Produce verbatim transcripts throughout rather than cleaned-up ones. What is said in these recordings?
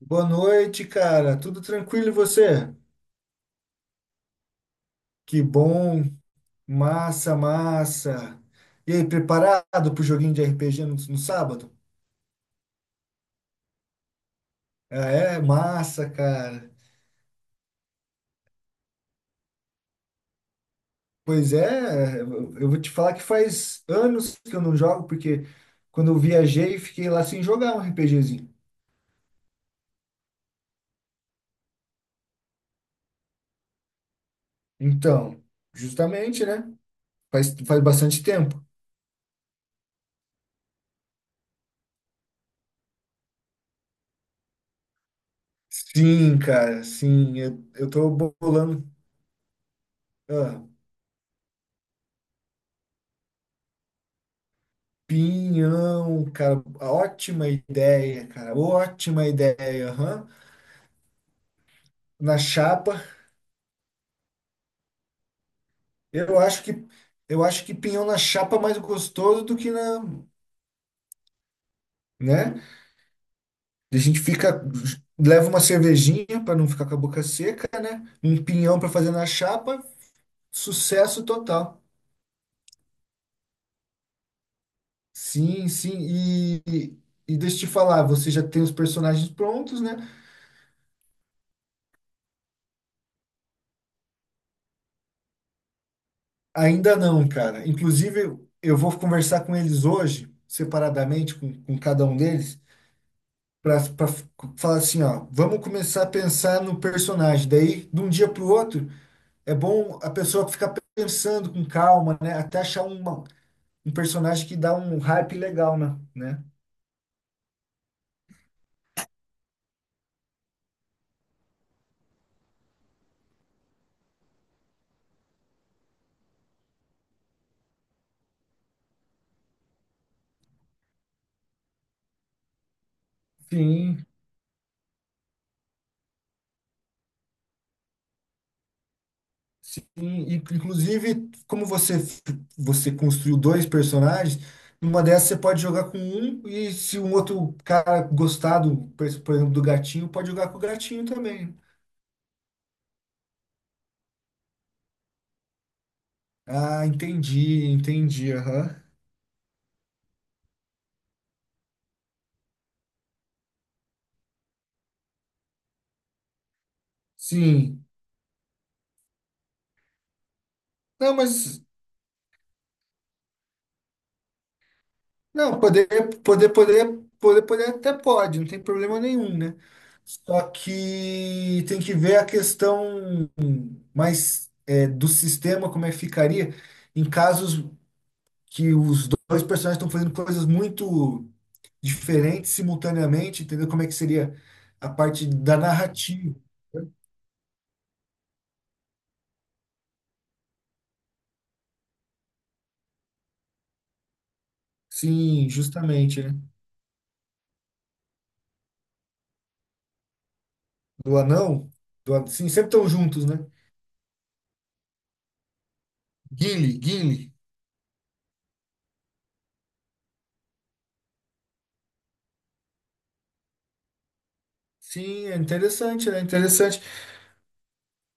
Boa noite, cara. Tudo tranquilo e você? Que bom. Massa, massa. E aí, preparado pro joguinho de R P G no, no sábado? Ah, é? Massa, cara. Pois é, eu eu vou te falar que faz anos que eu não jogo, porque quando eu viajei, fiquei lá sem jogar um RPGzinho. Então, justamente, né? Faz, faz bastante tempo. Sim, cara, sim. Eu, eu tô bolando. Ah. Pinhão, cara, ótima ideia, cara, ótima ideia, aham. Na chapa, eu acho que eu acho que pinhão na chapa é mais gostoso do que na, né? A gente fica leva uma cervejinha para não ficar com a boca seca, um pinhão para fazer na chapa, sucesso total. Sim, sim. E, e e deixa eu te falar, você já tem os personagens prontos, né? Ainda não, cara. Inclusive, eu vou conversar com eles hoje, separadamente, com, com cada um deles, para falar assim, ó, vamos começar a pensar no personagem. Daí, de um dia para o outro, é bom a pessoa ficar pensando com calma, né? Até achar uma, um personagem que dá um hype legal, né? né? Sim, Sim, e- inclusive, como você você construiu dois personagens, numa dessas você pode jogar com um, e se um outro cara gostar do, por exemplo, do gatinho, pode jogar com o gatinho também. Ah, entendi, entendi, aham. Sim. Não, mas não, poder, poder, poder, poder, poder até pode, não tem problema nenhum, né? Só que tem que ver a questão mais é, do sistema, como é que ficaria em casos. Que os dois personagens estão fazendo coisas muito diferentes simultaneamente, entendeu? Como é que seria a parte da narrativa? Sim, justamente, né? Do anão, do an... sim, sempre estão juntos, né? Gimli, Gimli. Sim, é interessante, né? Interessante.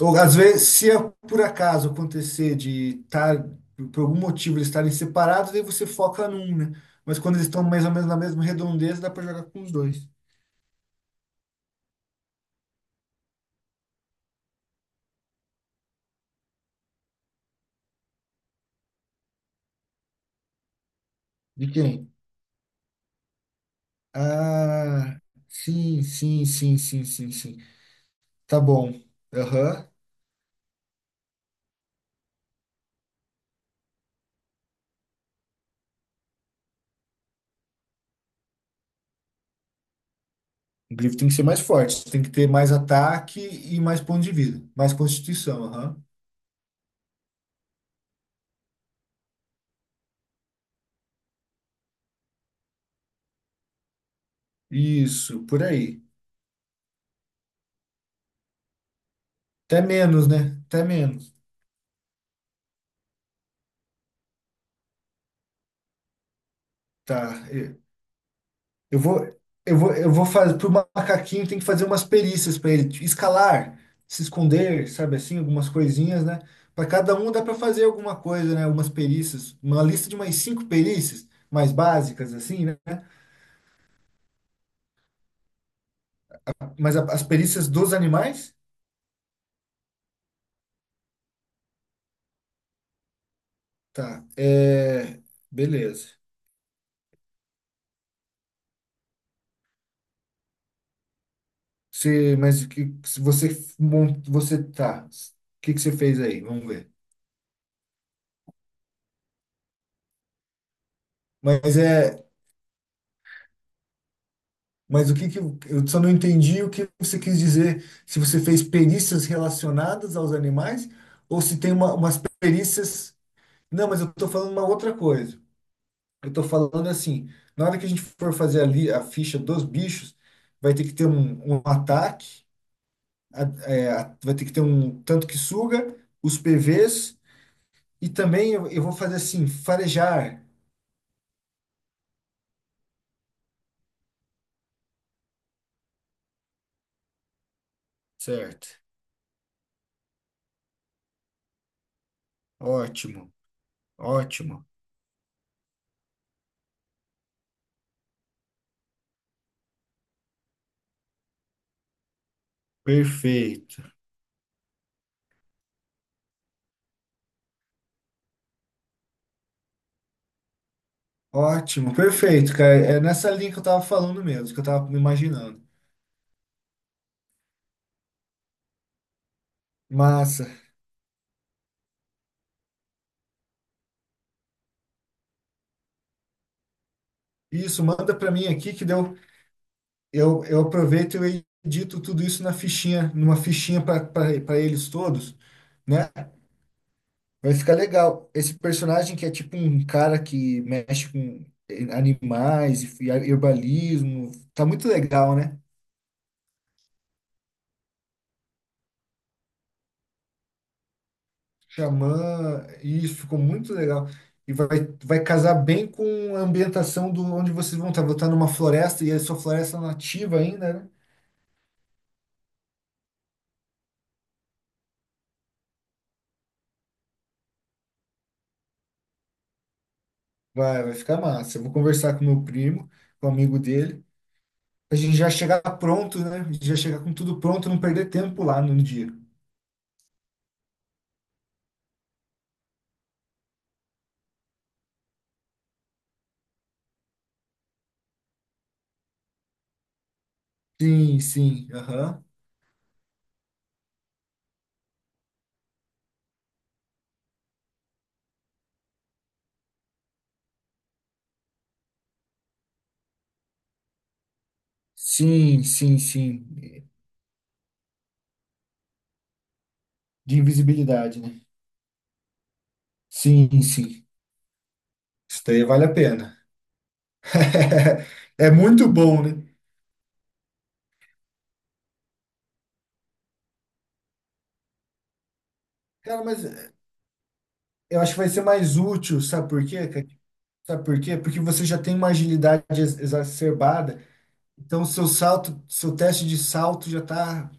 Ou às vezes, se é por acaso acontecer de estar, por algum motivo, eles estarem separados, aí você foca num, né? Mas quando eles estão mais ou menos na mesma redondeza, dá para jogar com os dois. De quem? Ah, sim, sim, sim, sim, sim, sim. Tá bom. Aham. O grifo tem que ser mais forte, tem que ter mais ataque e mais ponto de vida, mais constituição, aham. Isso, por aí. Até menos, né? Até menos. Tá. Eu eu vou, eu vou, eu vou fazer. Pro macaquinho tem que fazer umas perícias para ele, tipo, escalar, se esconder, sabe assim, algumas coisinhas, né? Para cada um dá para fazer alguma coisa, né? Algumas perícias, uma lista de umas cinco perícias mais básicas, assim, né? Mas a- as perícias dos animais? Tá. É, beleza. Você, mas o que, se você mon- você tá. O que que você fez aí? Vamos ver. Mas é, mas o que que eu só não entendi o que você quis dizer. Se você fez perícias relacionadas aos animais ou se tem uma, umas perícias. Não, mas eu tô falando uma outra coisa. Eu tô falando assim, na hora que a gente for fazer ali a ficha dos bichos, vai ter que ter um, um ataque a- é, a- vai ter que ter um tanto que suga, os P Vs, e também eu, eu vou fazer assim, farejar. Certo. Ótimo, ótimo. Perfeito. Ótimo, perfeito, cara. É nessa linha que eu tava falando mesmo, que eu tava me imaginando. Massa. Isso, manda pra mim aqui que deu. Eu, eu aproveito e eu edito tudo isso na fichinha, numa fichinha para eles todos, né? Vai ficar legal. Esse personagem que é tipo um cara que mexe com eh, animais e e herbalismo. Tá muito legal, né? Xamã, isso ficou muito legal. E vai, vai casar bem com a ambientação do onde vocês vão estar. Vou estar numa floresta e é sua floresta nativa ainda, né? Vai, vai ficar massa. Eu vou conversar com meu primo, com o amigo dele. A gente já chegar pronto, né? A gente já chegar com tudo pronto, não perder tempo lá no dia. Sim, sim. Aham. Sim, sim, sim. De invisibilidade, né? Sim, sim. Isso daí vale a pena. É muito bom, né? Cara, mas eh, eu acho que vai ser mais útil, sabe por quê? Cara? Sabe por quê? Porque você já tem uma agilidade ex- exacerbada, então seu salto, seu teste de salto já tá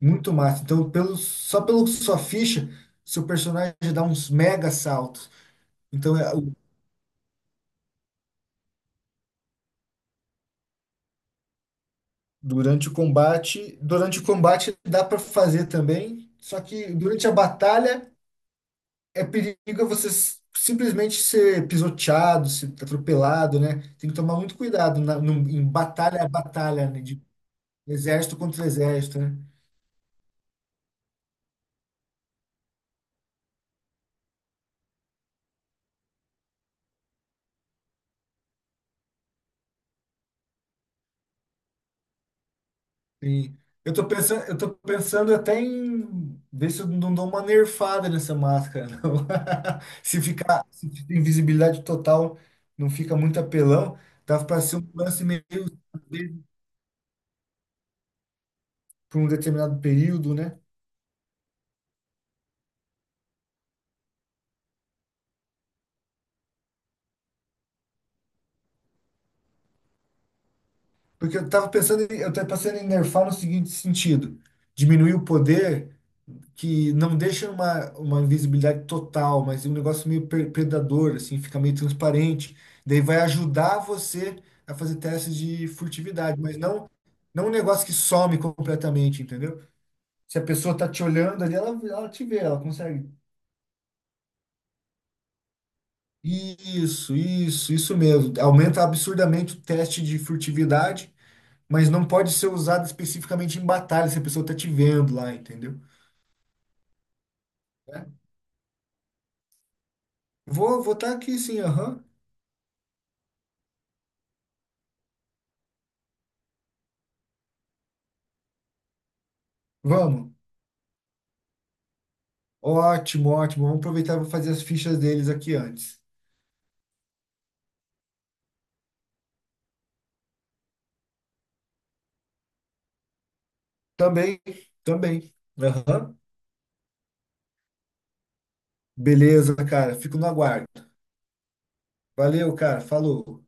muito massa. Então, pelo, só pela sua ficha, seu personagem já dá uns mega saltos. Então, é, o- durante o combate, durante o combate dá para fazer também, só que durante a batalha é perigo você s- simplesmente ser pisoteado, ser atropelado, né? Tem que tomar muito cuidado na- num- em batalha a batalha, né? De exército contra exército, né? E eu tô pensando, eu tô pensando até em ver se eu não dou uma nerfada nessa máscara, não. Se ficar, se fica invisibilidade total, não fica muito apelão, dava para ser um lance meio por um determinado período, né? Porque eu tava pensando, em- eu tava pensando em nerfar no seguinte sentido: diminuir o poder que não deixa uma, uma invisibilidade total, mas um negócio meio per- predador, assim, fica meio transparente. Daí vai ajudar você a fazer testes de furtividade, mas não, não um negócio que some completamente, entendeu? Se a pessoa tá te olhando ali, ela, ela te vê, ela consegue. Isso, isso, isso mesmo. Aumenta absurdamente o teste de furtividade, mas não pode ser usado especificamente em batalha se a pessoa tá te vendo lá, entendeu? É. Vou, vou estar aqui sim, aham. Vamos. Ótimo, ótimo. Vamos aproveitar e vou fazer as fichas deles aqui antes. Também, também. Aham. Beleza, cara. Fico no aguardo. Valeu, cara. Falou.